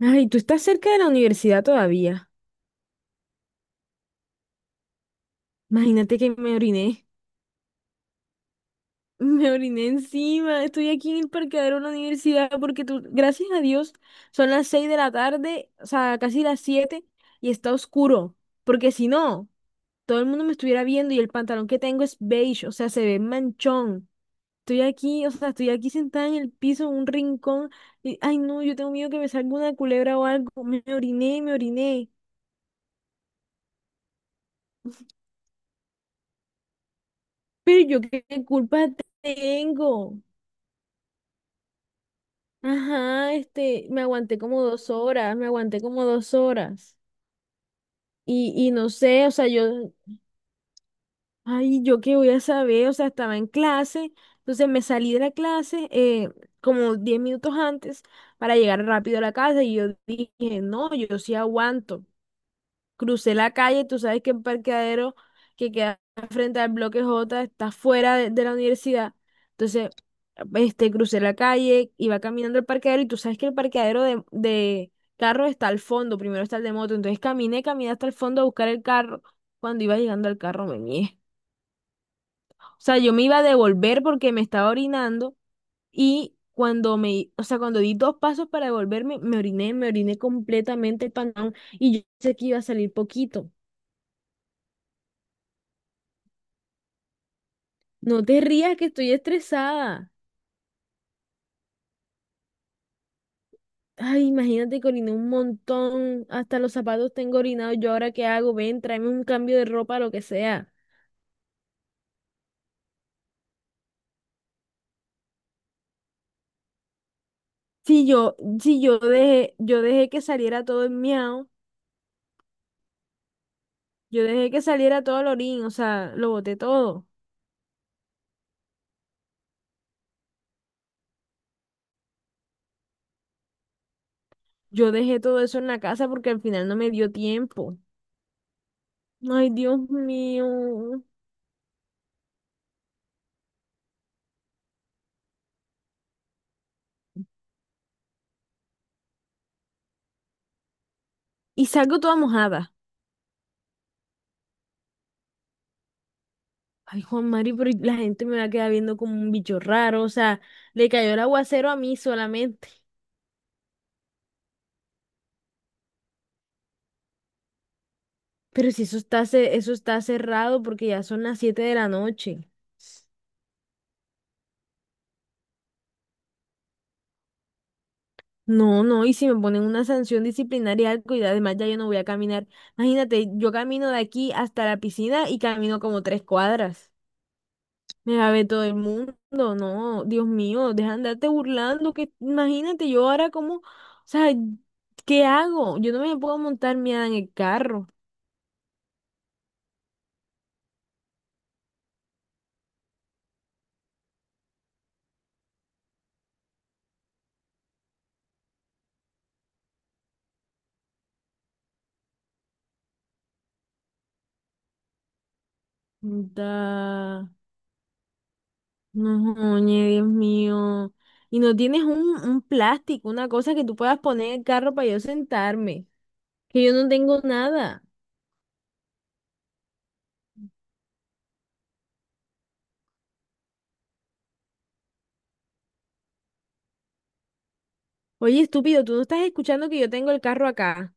Ay, tú estás cerca de la universidad todavía. Imagínate que me oriné. Me oriné encima. Estoy aquí en el parqueadero de la universidad porque tú, gracias a Dios, son las 6 de la tarde, o sea, casi las 7, y está oscuro. Porque si no, todo el mundo me estuviera viendo y el pantalón que tengo es beige, o sea, se ve manchón. Estoy aquí, o sea, estoy aquí sentada en el piso, en un rincón. Y, ay, no, yo tengo miedo que me salga una culebra o algo. Me oriné, me oriné. Pero yo qué culpa tengo. Ajá, este, me aguanté como 2 horas, me aguanté como 2 horas. Y no sé, o sea, yo, ay, yo qué voy a saber, o sea, estaba en clase, entonces me salí de la clase como 10 minutos antes para llegar rápido a la casa y yo dije, no, yo sí aguanto. Crucé la calle, tú sabes que el parqueadero que queda frente al bloque J está fuera de la universidad. Entonces, este, crucé la calle, iba caminando al parqueadero y tú sabes que el parqueadero de carro está al fondo, primero está el de moto. Entonces caminé, caminé hasta el fondo a buscar el carro. Cuando iba llegando al carro me mié. O sea, yo me iba a devolver porque me estaba orinando y cuando me, o sea, cuando di dos pasos para devolverme, me oriné completamente el pantalón y yo sé que iba a salir poquito. No te rías que estoy estresada. Ay, imagínate que oriné un montón. Hasta los zapatos tengo orinados. ¿Yo ahora qué hago? Ven, tráeme un cambio de ropa, lo que sea. Si yo dejé que saliera todo el miau, yo dejé que saliera todo el orín, o sea, lo boté todo. Yo dejé todo eso en la casa porque al final no me dio tiempo. Ay, Dios mío. Y salgo toda mojada. Ay, Juan Mario, pero la gente me va a quedar viendo como un bicho raro. O sea, le cayó el aguacero a mí solamente. Pero si eso está, eso está cerrado porque ya son las 7 de la noche. No, no, y si me ponen una sanción disciplinaria, algo, y además ya yo no voy a caminar. Imagínate, yo camino de aquí hasta la piscina y camino como 3 cuadras. Me va a ver todo el mundo, no, Dios mío, deja de andarte burlando, que imagínate yo ahora como, o sea, ¿qué hago? Yo no me puedo montar miedo en el carro. Da. No, oye, Dios mío. Y no tienes un plástico, una cosa que tú puedas poner en el carro para yo sentarme. Que yo no tengo nada. Oye, estúpido, tú no estás escuchando que yo tengo el carro acá.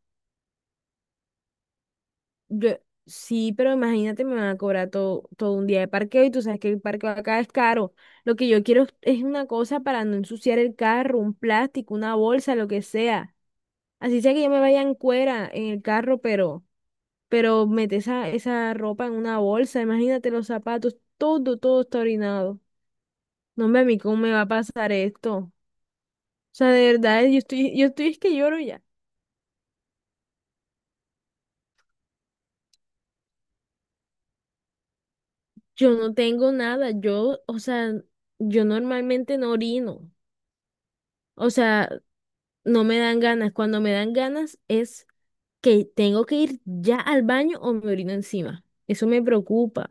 Yo, sí, pero imagínate, me van a cobrar todo, todo un día de parqueo y tú sabes que el parqueo acá es caro. Lo que yo quiero es una cosa para no ensuciar el carro, un plástico, una bolsa, lo que sea. Así sea que yo me vaya en cuera en el carro, pero. Pero mete esa ropa en una bolsa, imagínate los zapatos, todo, todo está orinado. No, hombre, a mí cómo me va a pasar esto. O sea, de verdad, yo estoy, es que lloro ya. Yo no tengo nada, yo, o sea, yo normalmente no orino. O sea, no me dan ganas. Cuando me dan ganas es que tengo que ir ya al baño o me orino encima. Eso me preocupa.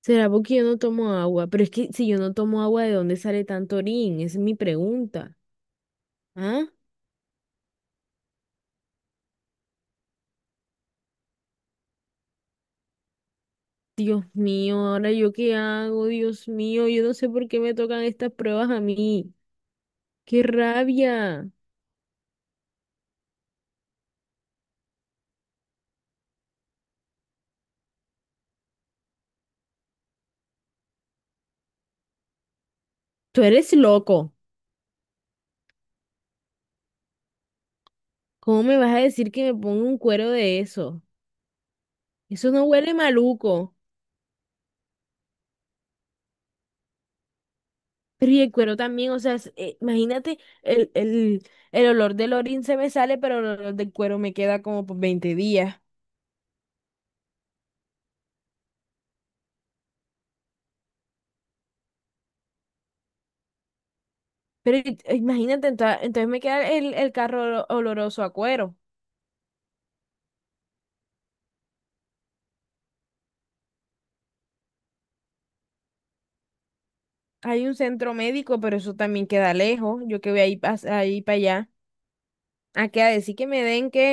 ¿Será porque yo no tomo agua? Pero es que si yo no tomo agua, ¿de dónde sale tanto orín? Esa es mi pregunta. ¿Ah? Dios mío, ahora yo qué hago, Dios mío, yo no sé por qué me tocan estas pruebas a mí. ¡Qué rabia! Tú eres loco. ¿Cómo me vas a decir que me ponga un cuero de eso? Eso no huele maluco. Pero y el cuero también, o sea, imagínate, el olor del orín se me sale, pero el olor del cuero me queda como por 20 días. Pero imagínate, entonces, me queda el carro oloroso a cuero. Hay un centro médico, pero eso también queda lejos. Yo que voy ahí, ahí para allá. A que a decir que me den que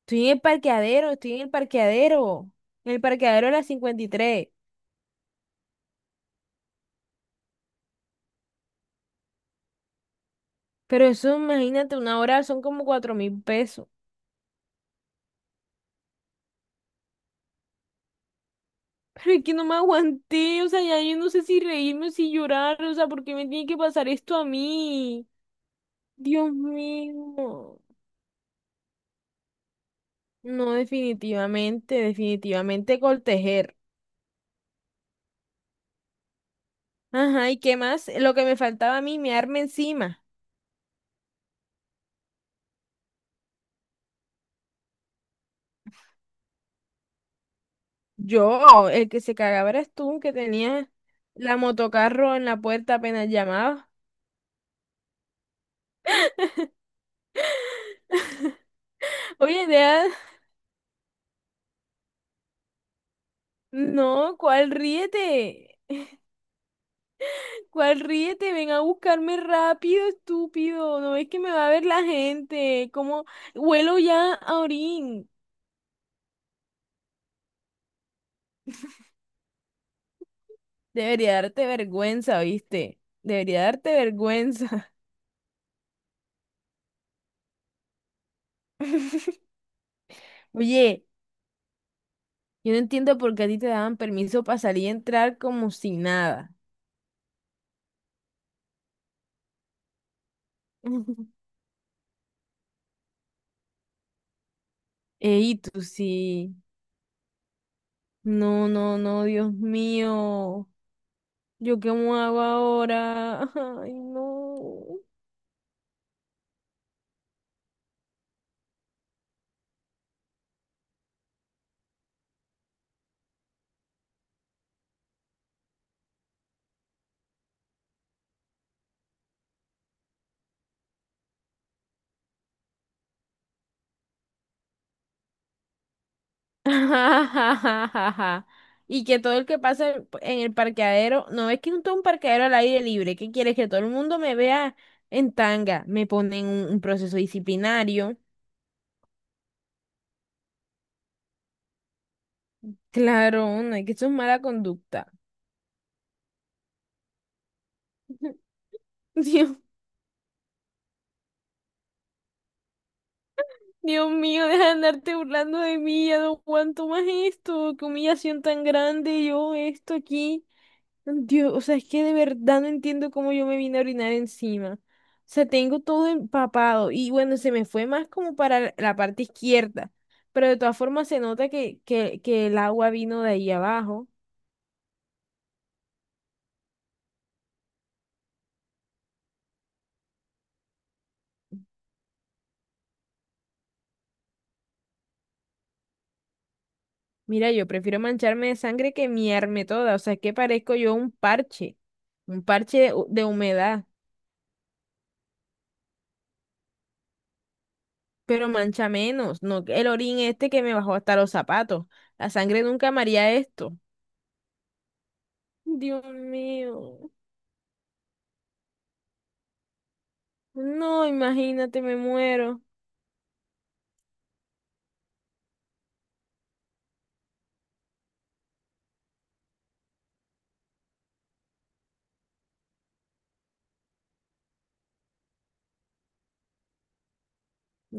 estoy en el parqueadero, estoy en el parqueadero. En el parqueadero a las 53. Pero eso, imagínate, una hora son como 4.000 pesos. Pero es que no me aguanté, o sea, ya yo no sé si reírme o si llorar, o sea, ¿por qué me tiene que pasar esto a mí? Dios mío. No, definitivamente, definitivamente coltejer. Ajá, ¿y qué más? Lo que me faltaba a mí, me arma encima. Yo, el que se cagaba eras tú, que tenías la motocarro en la puerta apenas llamaba. Oye, Dea, no, ¿cuál ríete? ¿Cuál ríete? Ven a buscarme rápido, estúpido. No ves que me va a ver la gente. ¿Cómo? Huelo ya a orín. Debería darte vergüenza, ¿viste? Debería darte vergüenza. Oye, yo no entiendo por qué a ti te daban permiso para salir y entrar como si nada. Ey, tú sí. No, no, no, Dios mío. ¿Yo qué me hago ahora? Ay, no. Y que todo el que pasa en el parqueadero, no es que un parqueadero al aire libre, ¿qué quieres? Que todo el mundo me vea en tanga, me ponen un proceso disciplinario. Claro, no, es que eso es mala conducta. Dios. Dios mío, deja de andarte burlando de mí, ya no aguanto más esto, qué humillación tan grande, yo esto aquí. Dios, o sea, es que de verdad no entiendo cómo yo me vine a orinar encima. O sea, tengo todo empapado y bueno, se me fue más como para la parte izquierda, pero de todas formas se nota que el agua vino de ahí abajo. Mira, yo prefiero mancharme de sangre que miarme toda, o sea, es que parezco yo un parche de, de humedad. Pero mancha menos, no el orín este que me bajó hasta los zapatos. La sangre nunca amaría esto. Dios mío. No, imagínate, me muero.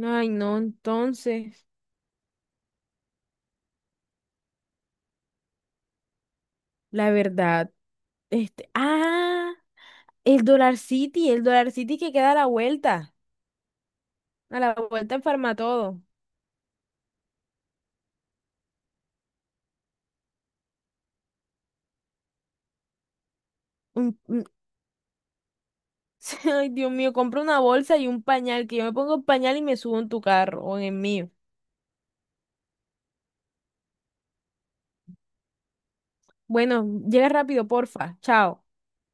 Ay, no, entonces, la verdad, este, ah, el Dollar City que queda a la vuelta en Farmatodo. Un- un- Ay, Dios mío, compra una bolsa y un pañal, que yo me pongo el pañal y me subo en tu carro o en el mío. Bueno, llega rápido, porfa. Chao.